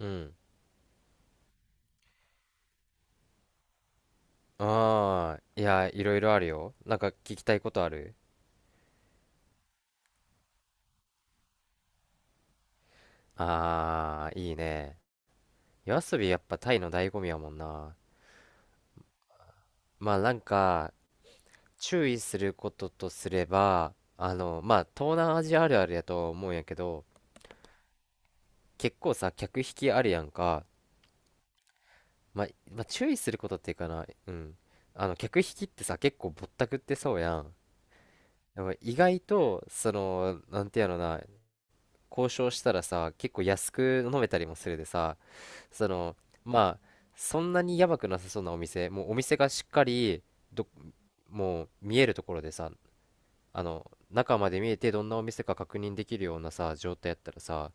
うん。ああ、いや、いろいろあるよ。なんか聞きたいことある？ああー、いいね。夜遊びやっぱタイの醍醐味やもんな。まあなんか、注意することとすれば、まあ東南アジアあるあるやと思うんやけど、結構さ、客引きあるやんか。まあ、まあ注意することっていうかな、うん。客引きってさ、結構ぼったくってそうやん。でも意外と、その、なんてやろな、交渉したらさ、結構安く飲めたりもするでさ、そのまあ、そんなにやばくなさそうなお店、もうお店がしっかりどもう見えるところでさ、あの中まで見えてどんなお店か確認できるようなさ状態やったらさ、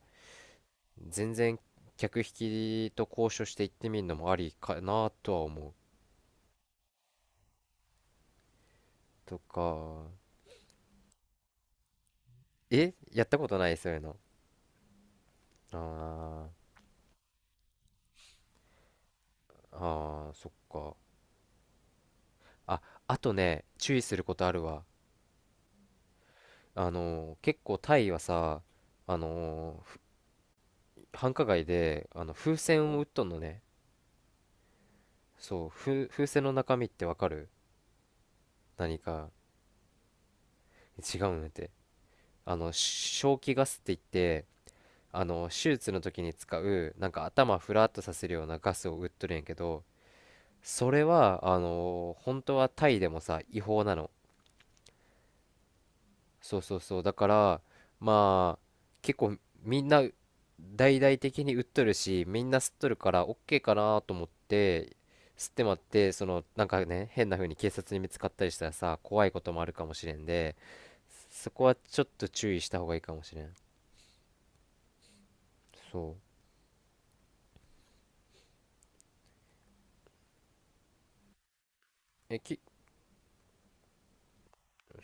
全然、客引きと交渉して行ってみるのもありかなとは思う、とか。やったことない、そういうの？あーあー、そっか。ああとね、注意することあるわ。結構タイはさ、あの繁華街で、あの風船を売っとんのね。そう、風船の中身ってわかる？何か違うんやて。あの正気ガスって言って、あの手術の時に使う、なんか頭フラッとさせるようなガスを売っとるんやけど、それは、あの本当はタイでもさ違法なの。そうそうそう、だから、まあ結構みんな大々的に売っとるし、みんな吸っとるから OK かなと思って吸ってまって、そのなんかね、変な風に警察に見つかったりしたらさ、怖いこともあるかもしれんで、そこはちょっと注意した方がいいかもしれん。そうえき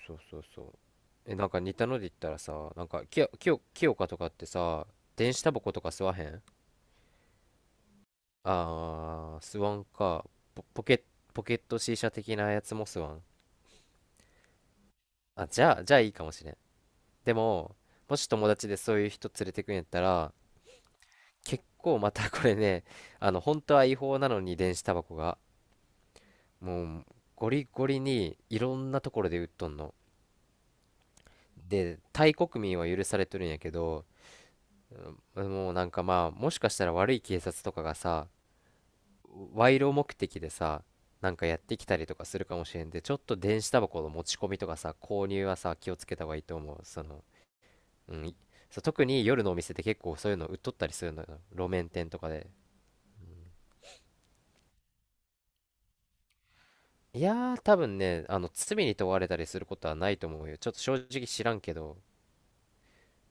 そうそうそう。なんか似たので言ったらさ、なんかきよきよきよかとかってさ、電子タバコとか吸わへん？あー、スワンか。ポ、ポケ、ポケット C 社的なやつもスワン。あ、じゃあ、じゃあいいかもしれん。でも、もし友達でそういう人連れてくんやったら、結構またこれね、本当は違法なのに電子タバコが、もう、ゴリゴリにいろんなところで売っとんの。で、タイ国民は許されとるんやけど、うん、もうなんかまあ、もしかしたら悪い警察とかがさ、賄賂目的でさ、なんかやってきたりとかするかもしれんで、ちょっと電子タバコの持ち込みとかさ、購入はさ、気をつけた方がいいと思う。その、うん、いそう、特に夜のお店って結構そういうの売っとったりするのよ、路面店とかで。いやー、多分ね、罪に問われたりすることはないと思うよ。ちょっと正直知らんけど。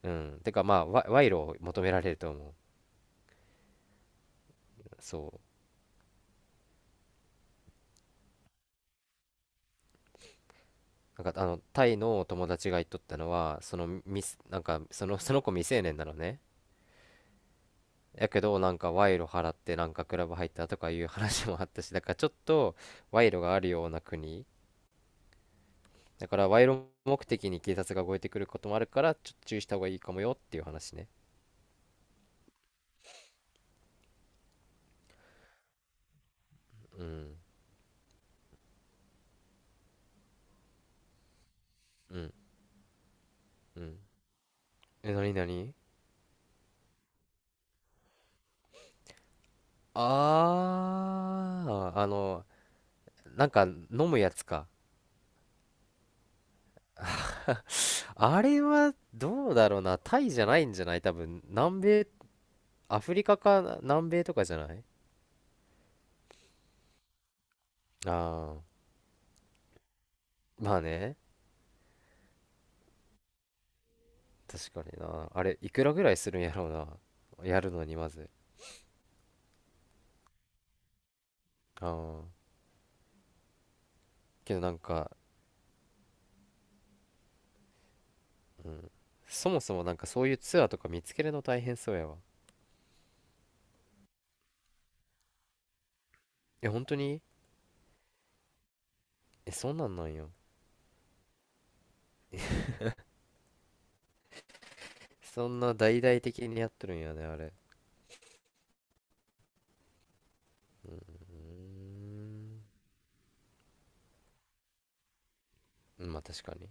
うん、てかまあ、賄賂を求められると思う。そう、なんか、あのタイの友達が言っとったのは、その、ミスなんかその、その子未成年なのね。やけど、なんか賄賂払って、なんかクラブ入ったとかいう話もあったし、だからちょっと、賄賂があるような国だから、賄賂目的に警察が動いてくることもあるから、ちょっと注意した方がいいかもよっていう話ね。うん、うん、うん。なになに？あーあのなんか飲むやつか？ あれはどうだろうな、タイじゃないんじゃない、多分南米。アフリカか南米とかじゃない？ああー、まあね。確かにな、あれいくらぐらいするんやろうな、やるのに。まず、ああ、けどなんか、うん、そもそもなんかそういうツアーとか見つけるの大変そうやわ。え、本当に？え、そんなんなんよ。そんな大々的にやってるんやね、あれ。うーん、まあ確かに。だ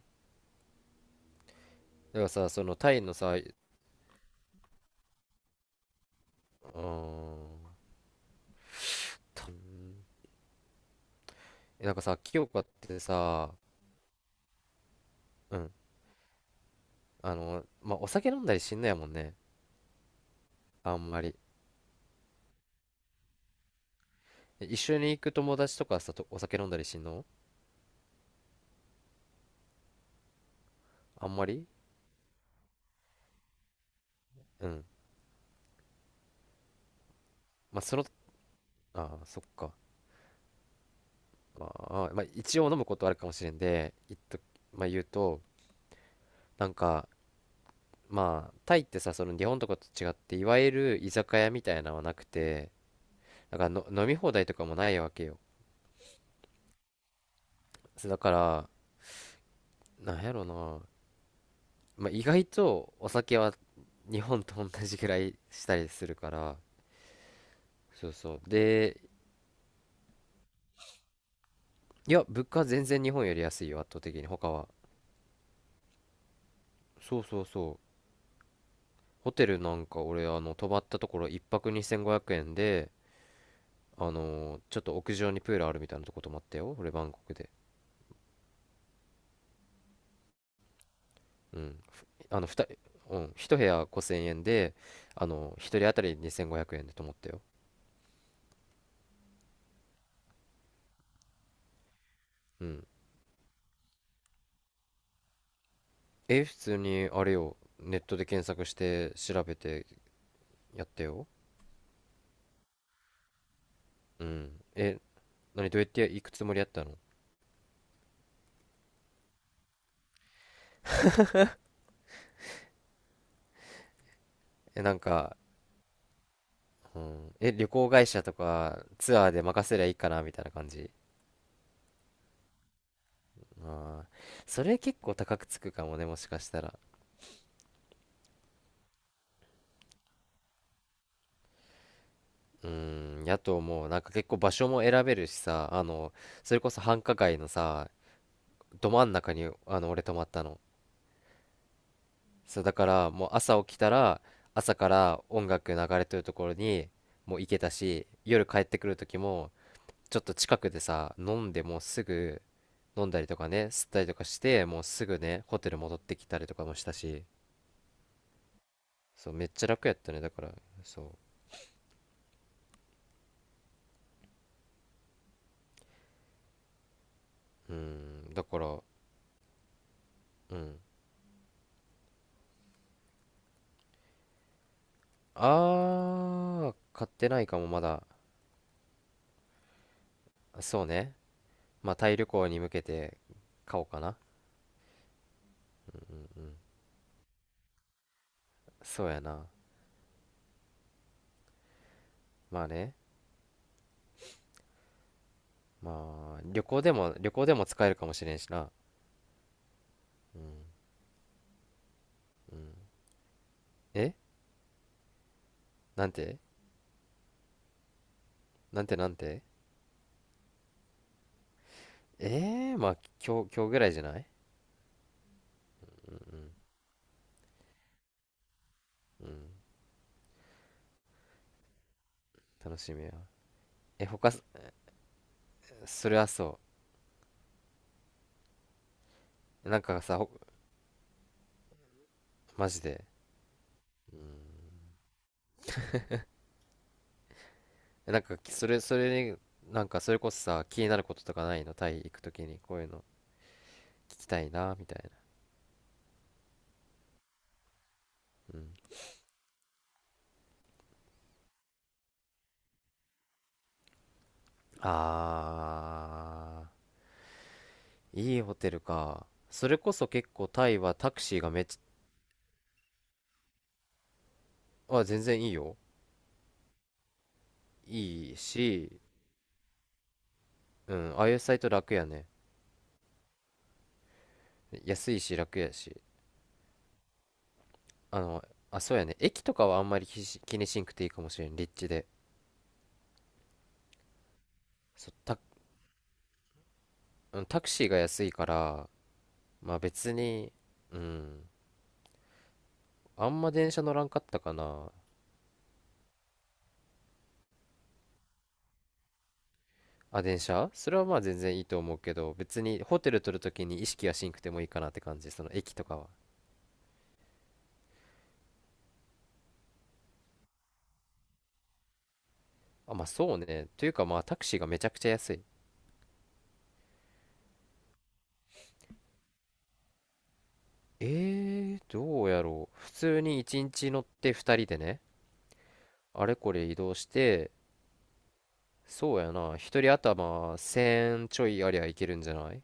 からさ、そのタイのさ、うーん、なんかさ、清香ってさ、うん、まあお酒飲んだりしんのやもんね。あんまり。え、一緒に行く友達とかさとお酒飲んだりしんの？あんまり、うん。まあ、その、ああ、そっか。まあ、まあ、一応飲むことあるかもしれんで、言っと、まあ、言うと、なんか、まあ、タイってさ、その日本とかと違って、いわゆる居酒屋みたいなのはなくて、だからの飲み放題とかもないわけよ。そうだから、なんやろな、まあ、意外とお酒は日本と同じぐらいしたりするから。そうそう。で、いや、物価は全然日本より安いよ、圧倒的に、他は。そうそうそう。ホテルなんか俺、あの泊まったところ一泊2500円で、あのーちょっと屋上にプールあるみたいなとこ泊まったよ、俺、バンコクで。うんふあの2、うん、1部屋5000円で、あの一人当たり2500円で泊まったよ。うんえ普通にあれよ、ネットで検索して調べてやったよ。うんえ何、どうやって行くつもりやったの？なんか、うん、旅行会社とかツアーで任せりゃいいかなみたいな感じ。ああ、それ結構高くつくかもね、もしかしたら。うーん、やと思う。なんか結構場所も選べるしさ、あの、それこそ繁華街のさ、ど真ん中に、あの、俺泊まったの。そう、だからもう朝起きたら、朝から音楽流れてるところにもう行けたし、夜帰ってくる時も、ちょっと近くでさ、飲んでもうすぐ飲んだりとかね、吸ったりとかして、もうすぐね、ホテル戻ってきたりとかもしたし、そう、めっちゃ楽やったね、だから、そう。うん、だから、うん。あー、買ってないかも、まだ。そうね。まあ、タイ旅行に向けて買おうかな。うん。そうやな。まあね。まあ、旅行でも、旅行でも使えるかもしれんしな。うん。えなんてなんてなんて？えー、まあ、今日ぐらいじゃない？うん。うん。楽しみや。え、他、それはそう。なんかさ、ほマジで。うん。なんか、それに、なんか、それこそさ、気になることとかないの、タイ行くときに、こういうの聞きたいな、みたいな。うん。あー、いいホテルか。それこそ結構タイはタクシーがめっちゃ、あ、全然いいよ。いいし、うん、ああいうサイト楽やね。安いし楽やし。あの、あ、そうやね。駅とかはあんまり気にしんくていいかもしれん、立地で。そう、タ、うん、タクシーが安いから、まあ別に、うん、あんま電車乗らんかったかな。あ、電車、それはまあ全然いいと思うけど、別にホテル取るときに意識はしんくてもいいかなって感じ、その駅とかは。あ、まあそうね。というか、まあタクシーがめちゃくちゃ安い。えー、どうやろう。普通に1日乗って2人でね、あれこれ移動して、そうやな、1人頭1000ちょいありゃいけるんじゃない？